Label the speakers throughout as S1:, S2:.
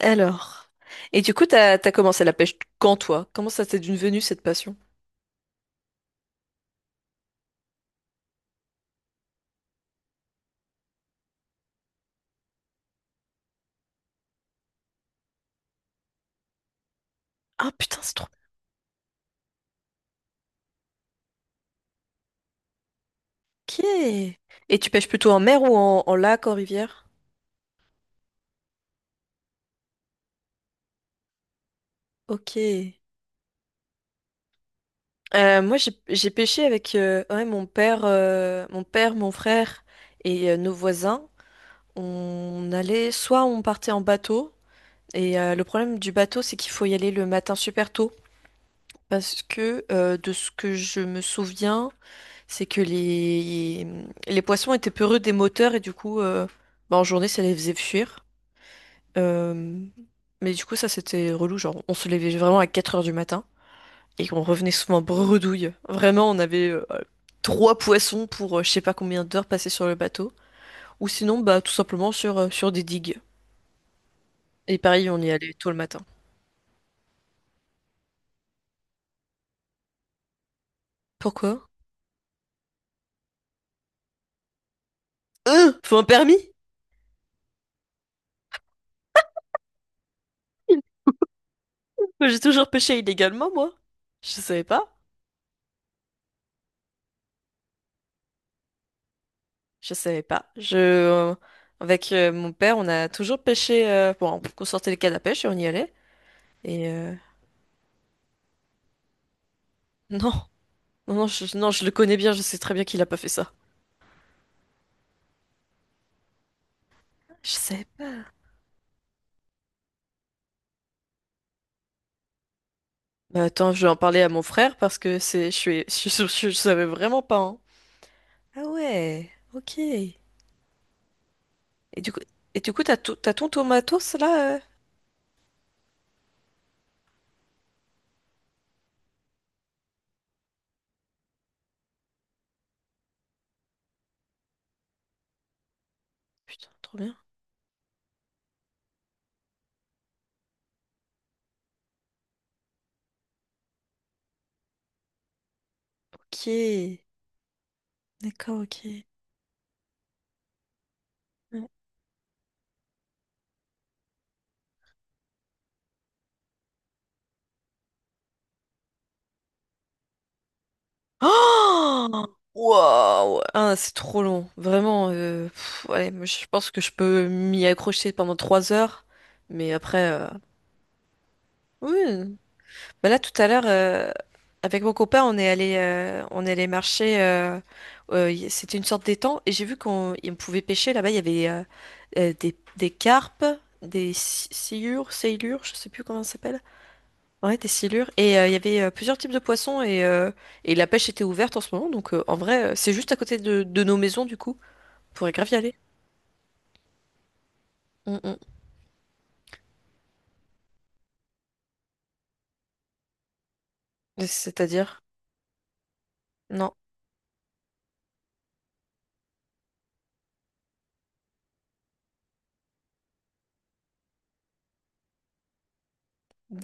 S1: Alors. Et du coup, t'as commencé la pêche quand, toi? Comment ça t'est devenu cette passion? Ah putain, c'est trop... Ok. Et tu pêches plutôt en mer ou en lac, en rivière? Ok. Moi, j'ai pêché avec ouais, mon père, mon frère et nos voisins. On allait, soit on partait en bateau, et le problème du bateau, c'est qu'il faut y aller le matin super tôt, parce que de ce que je me souviens, c'est que les poissons étaient peureux des moteurs et du coup, bah, en journée, ça les faisait fuir. Euh, Mais du coup, ça, c'était relou. Genre, on se levait vraiment à 4 heures du matin et on revenait souvent bredouille. Vraiment, on avait trois poissons pour je sais pas combien d'heures passées sur le bateau. Ou sinon, bah, tout simplement sur des digues. Et pareil, on y allait tôt le matin. Pourquoi? Faut un permis? Moi, j'ai toujours pêché illégalement, moi. Je savais pas. Je savais pas. Avec mon père, on a toujours pêché. Bon, on sortait les cannes à pêche et on y allait. Et euh, non, non, non, non, je le connais bien. Je sais très bien qu'il a pas fait ça. Je savais pas. Bah, attends, je vais en parler à mon frère parce que je savais vraiment pas. Hein. Ah ouais, ok. Et du coup, du coup, t'as ton tomatos là. Putain, trop bien. Ok, d'accord, ok. Oh, waouh! Ah, c'est trop long. Vraiment. Pff, ouais, moi, je pense que je peux m'y accrocher pendant 3 heures. Mais après. Oui. Bah là, tout à l'heure, avec mon copain, on est allé marcher. C'était une sorte d'étang. Et j'ai vu on pouvait pêcher. Là-bas, il y avait des carpes, des sciures, sailures, je sais plus comment ça s'appelle. Ouais, des silures. Et il y avait plusieurs types de poissons et la pêche était ouverte en ce moment. Donc en vrai, c'est juste à côté de nos maisons du coup. On pourrait grave y aller. Mm, mm. C'est-à-dire? Non.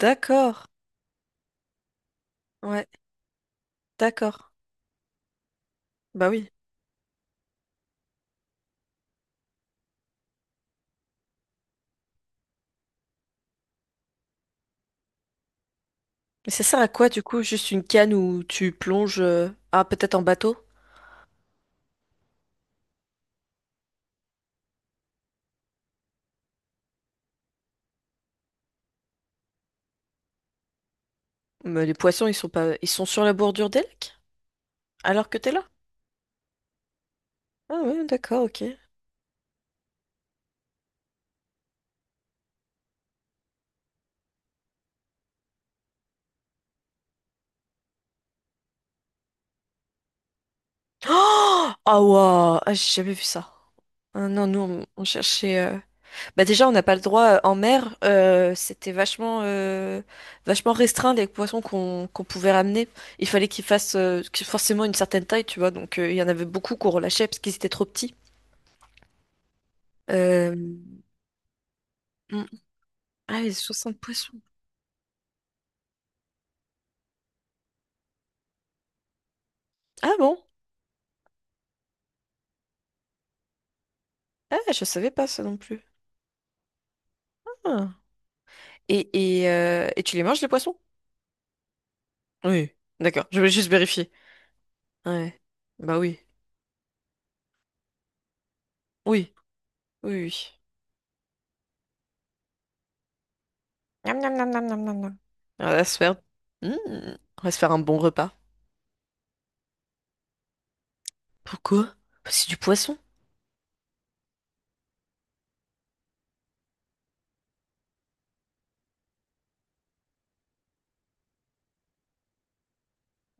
S1: D'accord. Ouais, d'accord. Bah oui. Mais ça sert à quoi du coup? Juste une canne où tu plonges. Ah, peut-être en bateau? Mais les poissons, ils sont pas... Ils sont sur la bordure des lacs? Alors que t'es là? Ah ouais, d'accord, ok. Oh! Ah, waouh! Ah, j'ai jamais vu ça. Ah non, nous, on cherchait. Bah déjà, on n'a pas le droit en mer. C'était vachement restreint les poissons qu'on pouvait ramener. Il fallait qu'ils fassent forcément une certaine taille, tu vois. Donc il y en avait beaucoup qu'on relâchait parce qu'ils étaient trop petits. Euh... mm. Ah, les 60 poissons. Ah bon? Ah, je savais pas ça non plus. Ah. Et, et tu les manges les poissons? Oui. D'accord. Je voulais juste vérifier. Ouais. Bah oui. Oui. Oui. Oui. Miam, miam, miam, miam, miam, miam, miam. On va se faire... Mm. On va se faire un bon repas. Pourquoi? C'est du poisson.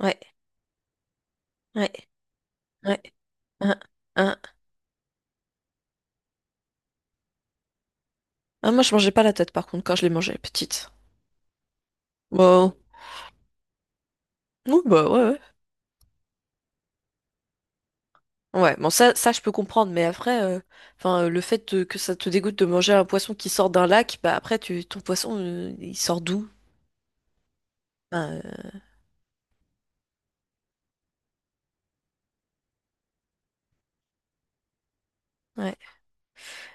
S1: Ouais, ouais, ouais. Hein, hein. Ah, moi, je mangeais pas la tête, par contre, quand je les mangeais petite. Bon, oui, bah ouais, ouais. Ouais, bon, ça, je peux comprendre, mais après, enfin, que ça te dégoûte de manger un poisson qui sort d'un lac, bah après, ton poisson, il sort d'où? Enfin, ouais.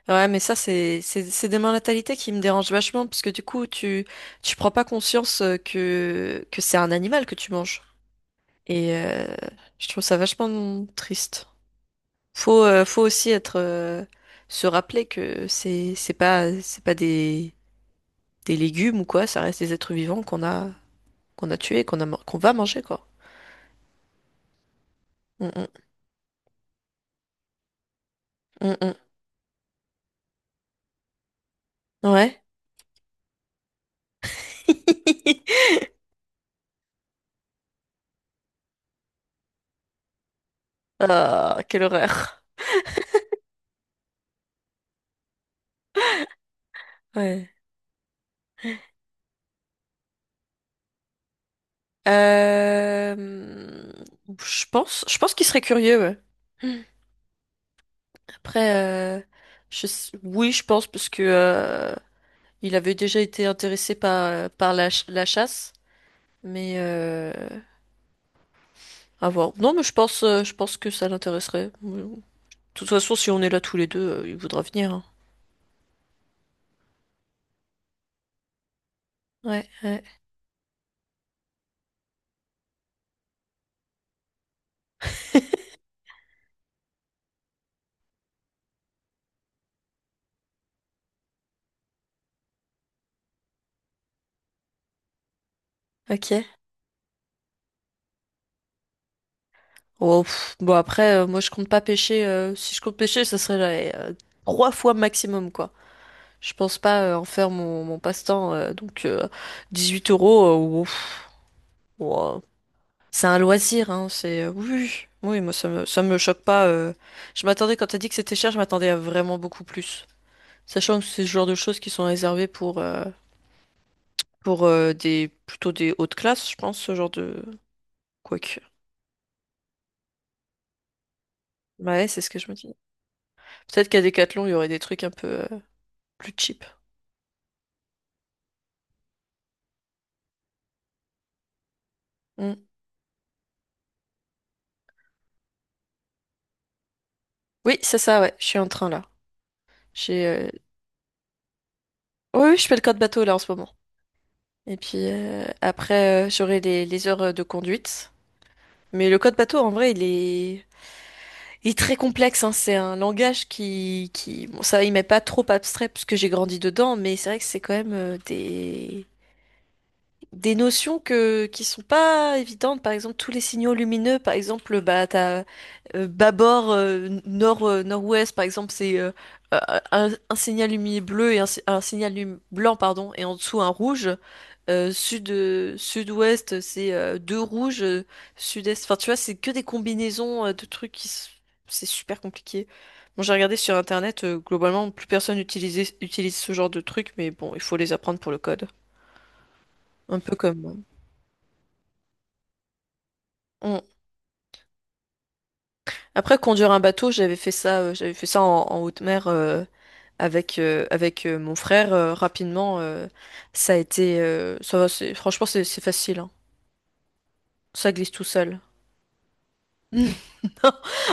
S1: Ouais, mais ça, c'est des mentalités qui me dérangent vachement, parce que du coup, tu prends pas conscience que c'est un animal que tu manges. Et je trouve ça vachement triste. Faut aussi être, se rappeler que c'est pas des légumes ou quoi, ça reste des êtres vivants qu'on a tués, qu'on va manger, quoi. Mm, mm, mm, mm. Ouais. Ah, quelle horreur. Ouais. Euh, je pense qu'il serait curieux, ouais. Après, euh, oui, je pense parce que il avait déjà été intéressé par la chasse, mais à voir. Non, mais je pense que ça l'intéresserait. De toute façon, si on est là tous les deux, il voudra venir. Hein. Ouais, ouais. Ok. Oh, pff, bon, après, moi, je compte pas pêcher. Si je compte pêcher, ça serait là, trois fois maximum, quoi. Je pense pas en faire mon passe-temps. Donc, 18 euros, pff, ouah. C'est un loisir, hein. Oui, oui, oui, moi, ça me choque pas. Je m'attendais, quand t'as dit que c'était cher, je m'attendais à vraiment beaucoup plus. Sachant que c'est ce genre de choses qui sont réservées pour des plutôt des hautes classes, je pense, ce genre de. Quoique. Bah ouais, c'est ce que je me dis. Peut-être qu'à Decathlon, il y aurait des trucs un peu plus cheap. Mm. Oui, c'est ça, ouais. Je suis en train là. J'ai. Oui, oui, je fais le code bateau là en ce moment. Et puis après, j'aurai les heures de conduite. Mais le code bateau, en vrai, il est très complexe. Hein. C'est un langage qui, bon, ça, il m'est pas trop abstrait puisque j'ai grandi dedans, mais c'est vrai que c'est quand même des notions que qui sont pas évidentes. Par exemple, tous les signaux lumineux. Par exemple, bah t'as bâbord nord nord-ouest. Par exemple, c'est euh, un signal lumineux bleu et un, si- un signal blanc pardon et en dessous un rouge. Sud-ouest c'est deux rouges. Sud-est. Enfin, tu vois, c'est que des combinaisons de trucs c'est super compliqué. Bon, j'ai regardé sur internet. Globalement, plus personne utilise ce genre de trucs, mais bon, il faut les apprendre pour le code. Un peu comme. Après, conduire un bateau, j'avais fait ça en haute mer avec mon frère rapidement. Ça va, franchement, c'est facile. Hein. Ça glisse tout seul. Non.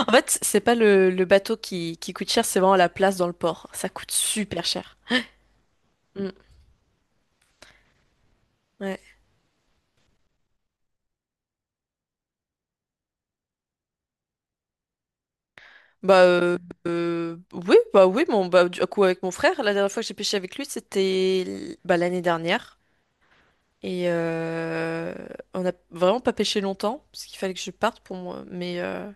S1: En fait, c'est pas le bateau qui coûte cher, c'est vraiment la place dans le port. Ça coûte super cher. Mm. Ouais. Bah oui, bah oui, mon bah du coup avec mon frère, la dernière fois que j'ai pêché avec lui, c'était bah, l'année dernière. Et on n'a vraiment pas pêché longtemps, parce qu'il fallait que je parte pour moi. Mais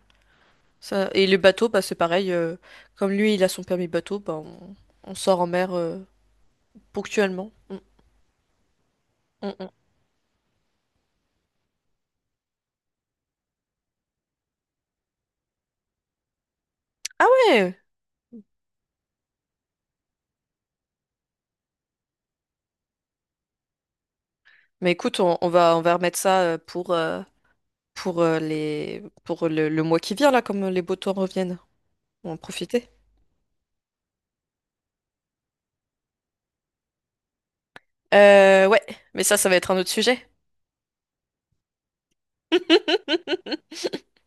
S1: ça... Et le bateau, bah, c'est pareil. Comme lui, il a son permis bateau, bah, on sort en mer ponctuellement. Mm, mm, mm. Ah ouais! Mais écoute, on va remettre ça pour le mois qui vient, là, comme les beaux temps reviennent. On va en profiter. Ouais, mais ça va être un autre sujet.